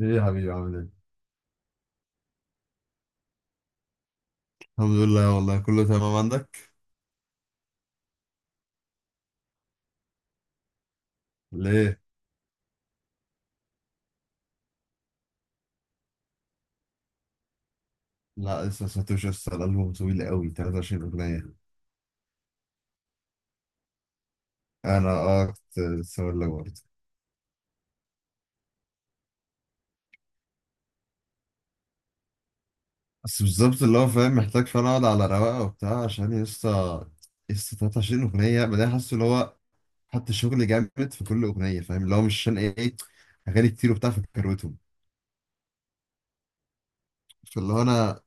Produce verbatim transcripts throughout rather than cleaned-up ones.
ايه يا حبيبي، عامل ايه؟ الحمد لله والله، كله تمام. عندك؟ ليه؟ لا لسه ساتوش، لسه الألبوم طويل قوي، تلاتة وعشرين أغنية. أنا اه كنت لسه أقول لك برضه. بس بالظبط اللي هو فاهم، محتاج فعلا أقعد على رواقة وبتاع، عشان لسه لسه تلاتة وعشرين أغنية. بعدين حاسس اللي هو حط شغل جامد في كل أغنية، فاهم اللي هو؟ مش عشان إيه، أغاني كتير وبتاع فكروتهم. فاللي هو أنا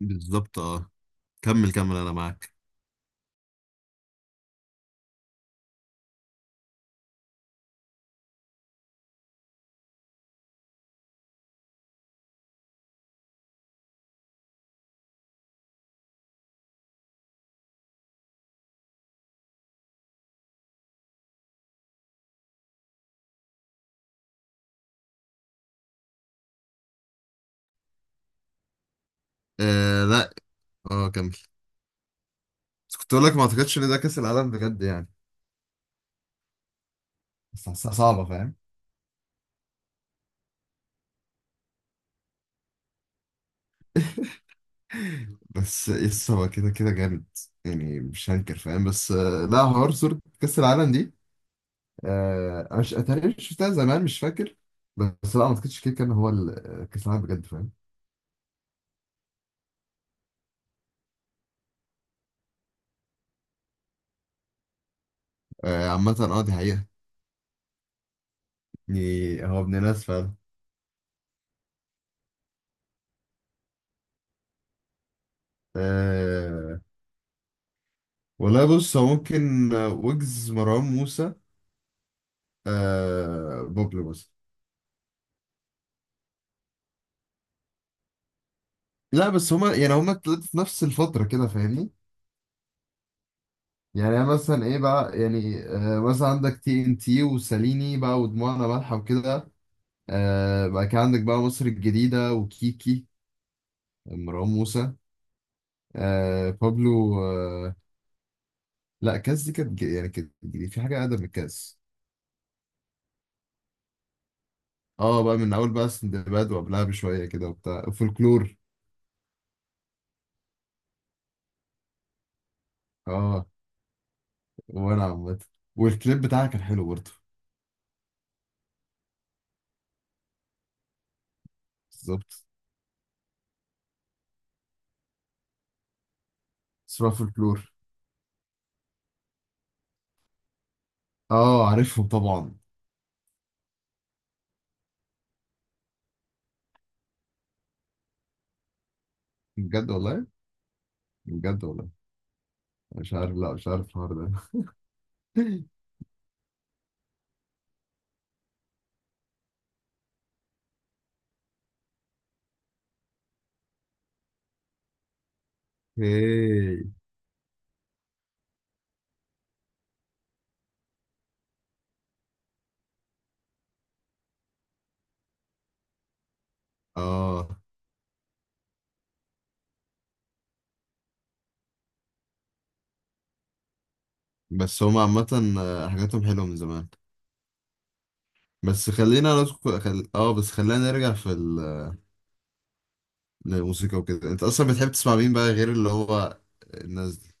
بالظبط. اه، كمل كمل، أنا معاك. آه، لا. اه كمل. بس كنت أقول لك، ما أعتقدش إن ده كأس العالم بجد يعني. بس حاسها صعبة، فاهم. بس يس، هو كده كده جامد، يعني مش هنكر، فاهم. بس آه، لا، حوار صورة كأس العالم دي. آه، أنا مش أتهيألي، مش شفتها زمان، مش فاكر. بس لا، ما أعتقدش كده كان هو ال- كأس العالم بجد، فاهم. آه، عامة أه دي حقيقة. يعني هو ابن ناس فعلا. أه والله، بص، هو ممكن آه، ويجز، مروان موسى. أه، بوبلو بس. لا، بس هما يعني، هما التلاتة في نفس الفترة كده، فاهمني. يعني أنا مثلا ايه بقى، يعني آه، مثلا عندك تي ان تي، وساليني بقى، ودموعنا مالحة، وكده. آه بقى، كان عندك بقى مصر الجديدة، وكيكي. مروان موسى. آه بابلو آه. لا، كاس دي كانت ج- يعني كانت جديد، في حاجة أقدم من كاس. اه بقى، من أول بقى سندباد، وقبلها بشوية كده، وبتاع فولكلور. اه، وأنا عامة. والكليب بتاعها كان حلو برضه. بالظبط. اسمها فولكلور. اه، عارفهم طبعا. بجد والله. بجد والله. مش عارف، لا مش عارف الحوار ده. اوكي. اه، بس هما عامة. آه، حاجاتهم حلوة من زمان. بس خلينا ندخل، خل... اه بس خلينا نرجع في ال... للموسيقى وكده. انت اصلا بتحب تسمع مين بقى، غير اللي هو الناس دي؟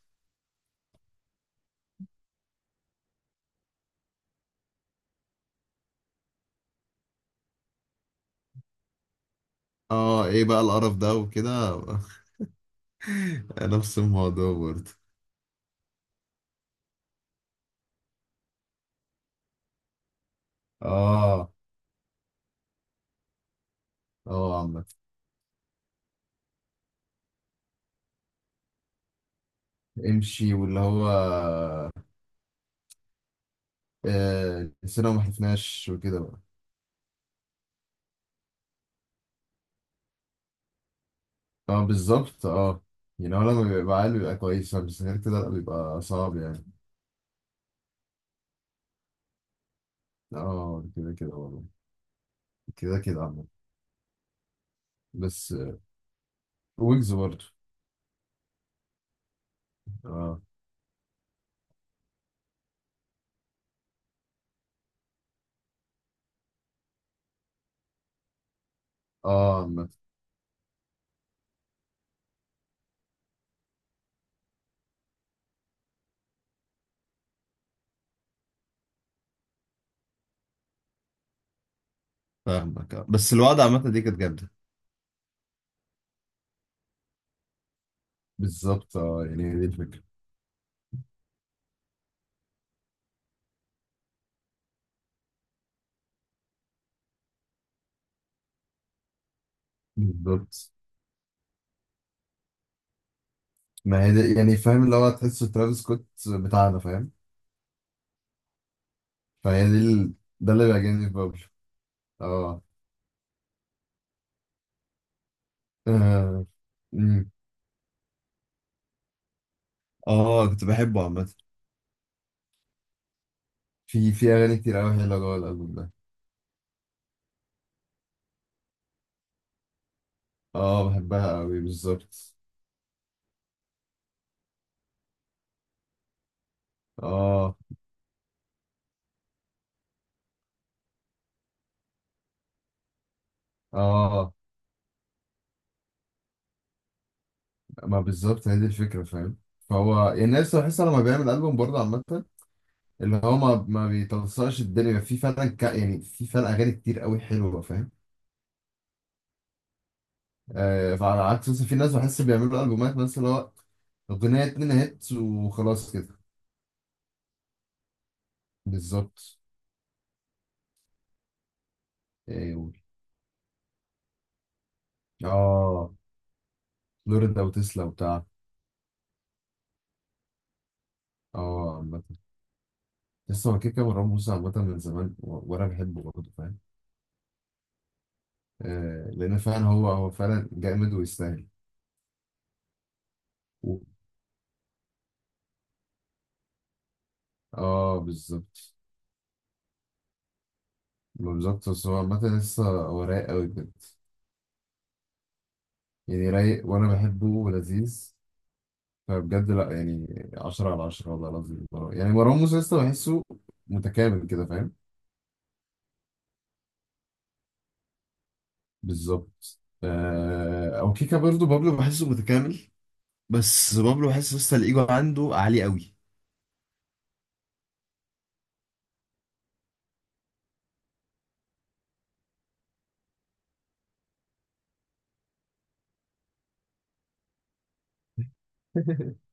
اه، ايه بقى القرف ده وكده. نفس الموضوع برضه. اه اه، عامة. امشي، واللي هو. آه، نسينا وما حلفناش وكده بقى. اه، بالظبط اه. يعني هو لما بيبقى عالي بيبقى كويس، بس غير كده لا، بيبقى صعب يعني. اه كده كده والله. كده كده عامة. بس. ويجز برضه. اه اه عامة. فاهمك آه. بس الوضع عامة، دي كانت جامدة. بالظبط اه، يعني هي دي الفكرة. بالظبط. ما هي دي يعني، فاهم اللي هو؟ تحس ترافيس سكوت بتاعنا، فاهم. فهي دي ال... ده اللي بيعجبني في بابلو. اه آه. مم. اه، كنت بحبه عامة. في في اغاني كتير قوي حلوه جوه الالبوم ده. اه، بحبها قوي، بالظبط. اه اه، ما بالظبط، هي دي الفكره، فاهم. فهو يعني، الناس بحس لما بيعمل البوم برضه عامه، اللي هو ما ما بيتوسعش الدنيا، في فعلا ك... يعني في فعلا اغاني كتير قوي حلوه، فاهم. آه، فعلى عكس مثلا في ناس بحس بيعملوا البومات، مثلا اللي هو اغنيه اتنين هيت، وخلاص كده. بالظبط. ايوه. اه، لورد او تسلا وبتاع. اه عامه. بس هو كده كده، مروان موسى عامه من زمان. و- وانا بحبه برضه، فاهم. آه، لان فعلا هو هو فعلا جامد، ويستاهل. و- اه بالظبط. بالظبط، بس هو عامه لسه هو رايق قوي بجد. يعني رايق، وانا بحبه ولذيذ. لا بجد، لا يعني، عشرة على عشرة والله العظيم. مروان- يعني مروان موسى لسه بحسه متكامل كده، فاهم. بالظبط. آه، او كيكا برضه، بابلو بحسه متكامل، بس بابلو بحس لسه الايجو عنده عالي قوي.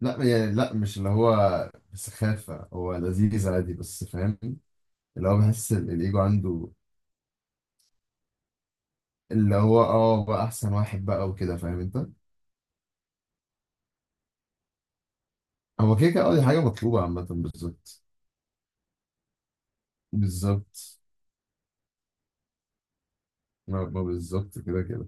لا يعني، لا مش اللي هو سخافة، هو لذيذ عادي بس، فاهم. اللي هو بحس ال- الإيجو عنده، اللي هو اه بقى أحسن واحد بقى وكده، فاهم أنت. هو كده كده اه، دي حاجة مطلوبة عامة، بالظبط. بالظبط. ما ما بالظبط، كده كده.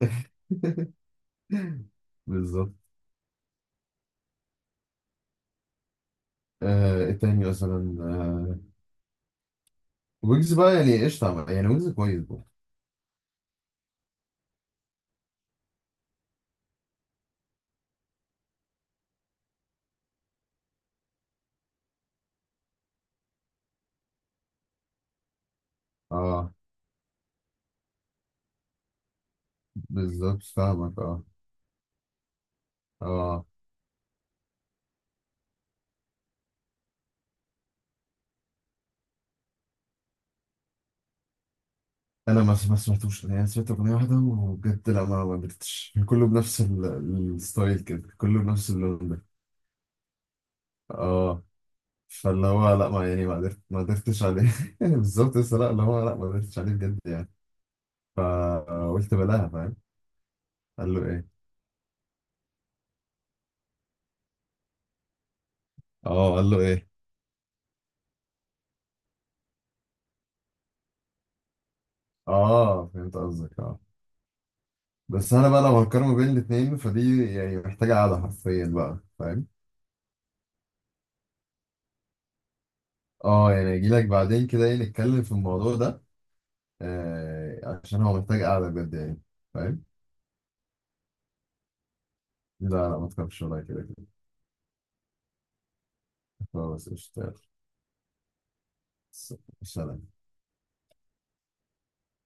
بالظبط. آه، إيه تاني مثلا آه؟ ويجز بقى يعني قشطة، يعني ويجز كويس برضه. اه بالظبط فاهمك اه. اه. انا ما ما سمعتوش يعني، أنا سمعت اغنيه واحده وبجد لا، ما ما قدرتش، كله بنفس ال- الستايل كده، كله بنفس اللون ده. اه، فاللي هو لا، ما يعني، ما قدرت ما قدرتش عليه. بالظبط لسه، لا، اللي هو لا ما قدرتش عليه بجد يعني. فقلت بلاها، فاهم. قال له ايه؟ اه قال له ايه؟ اه، فهمت قصدك آه. بس انا بقى، لو هقارن ما بين الاتنين، فدي يعني محتاجة قعدة حرفيا بقى، فاهم. اه، يعني اجي لك بعدين كده، ايه، نتكلم في الموضوع ده. آه، عشان هو محتاج قعدة بجد يعني، فاهم. لا لا، ما تخافش، ولا كده كده. خلاص، اشتغل. سلام.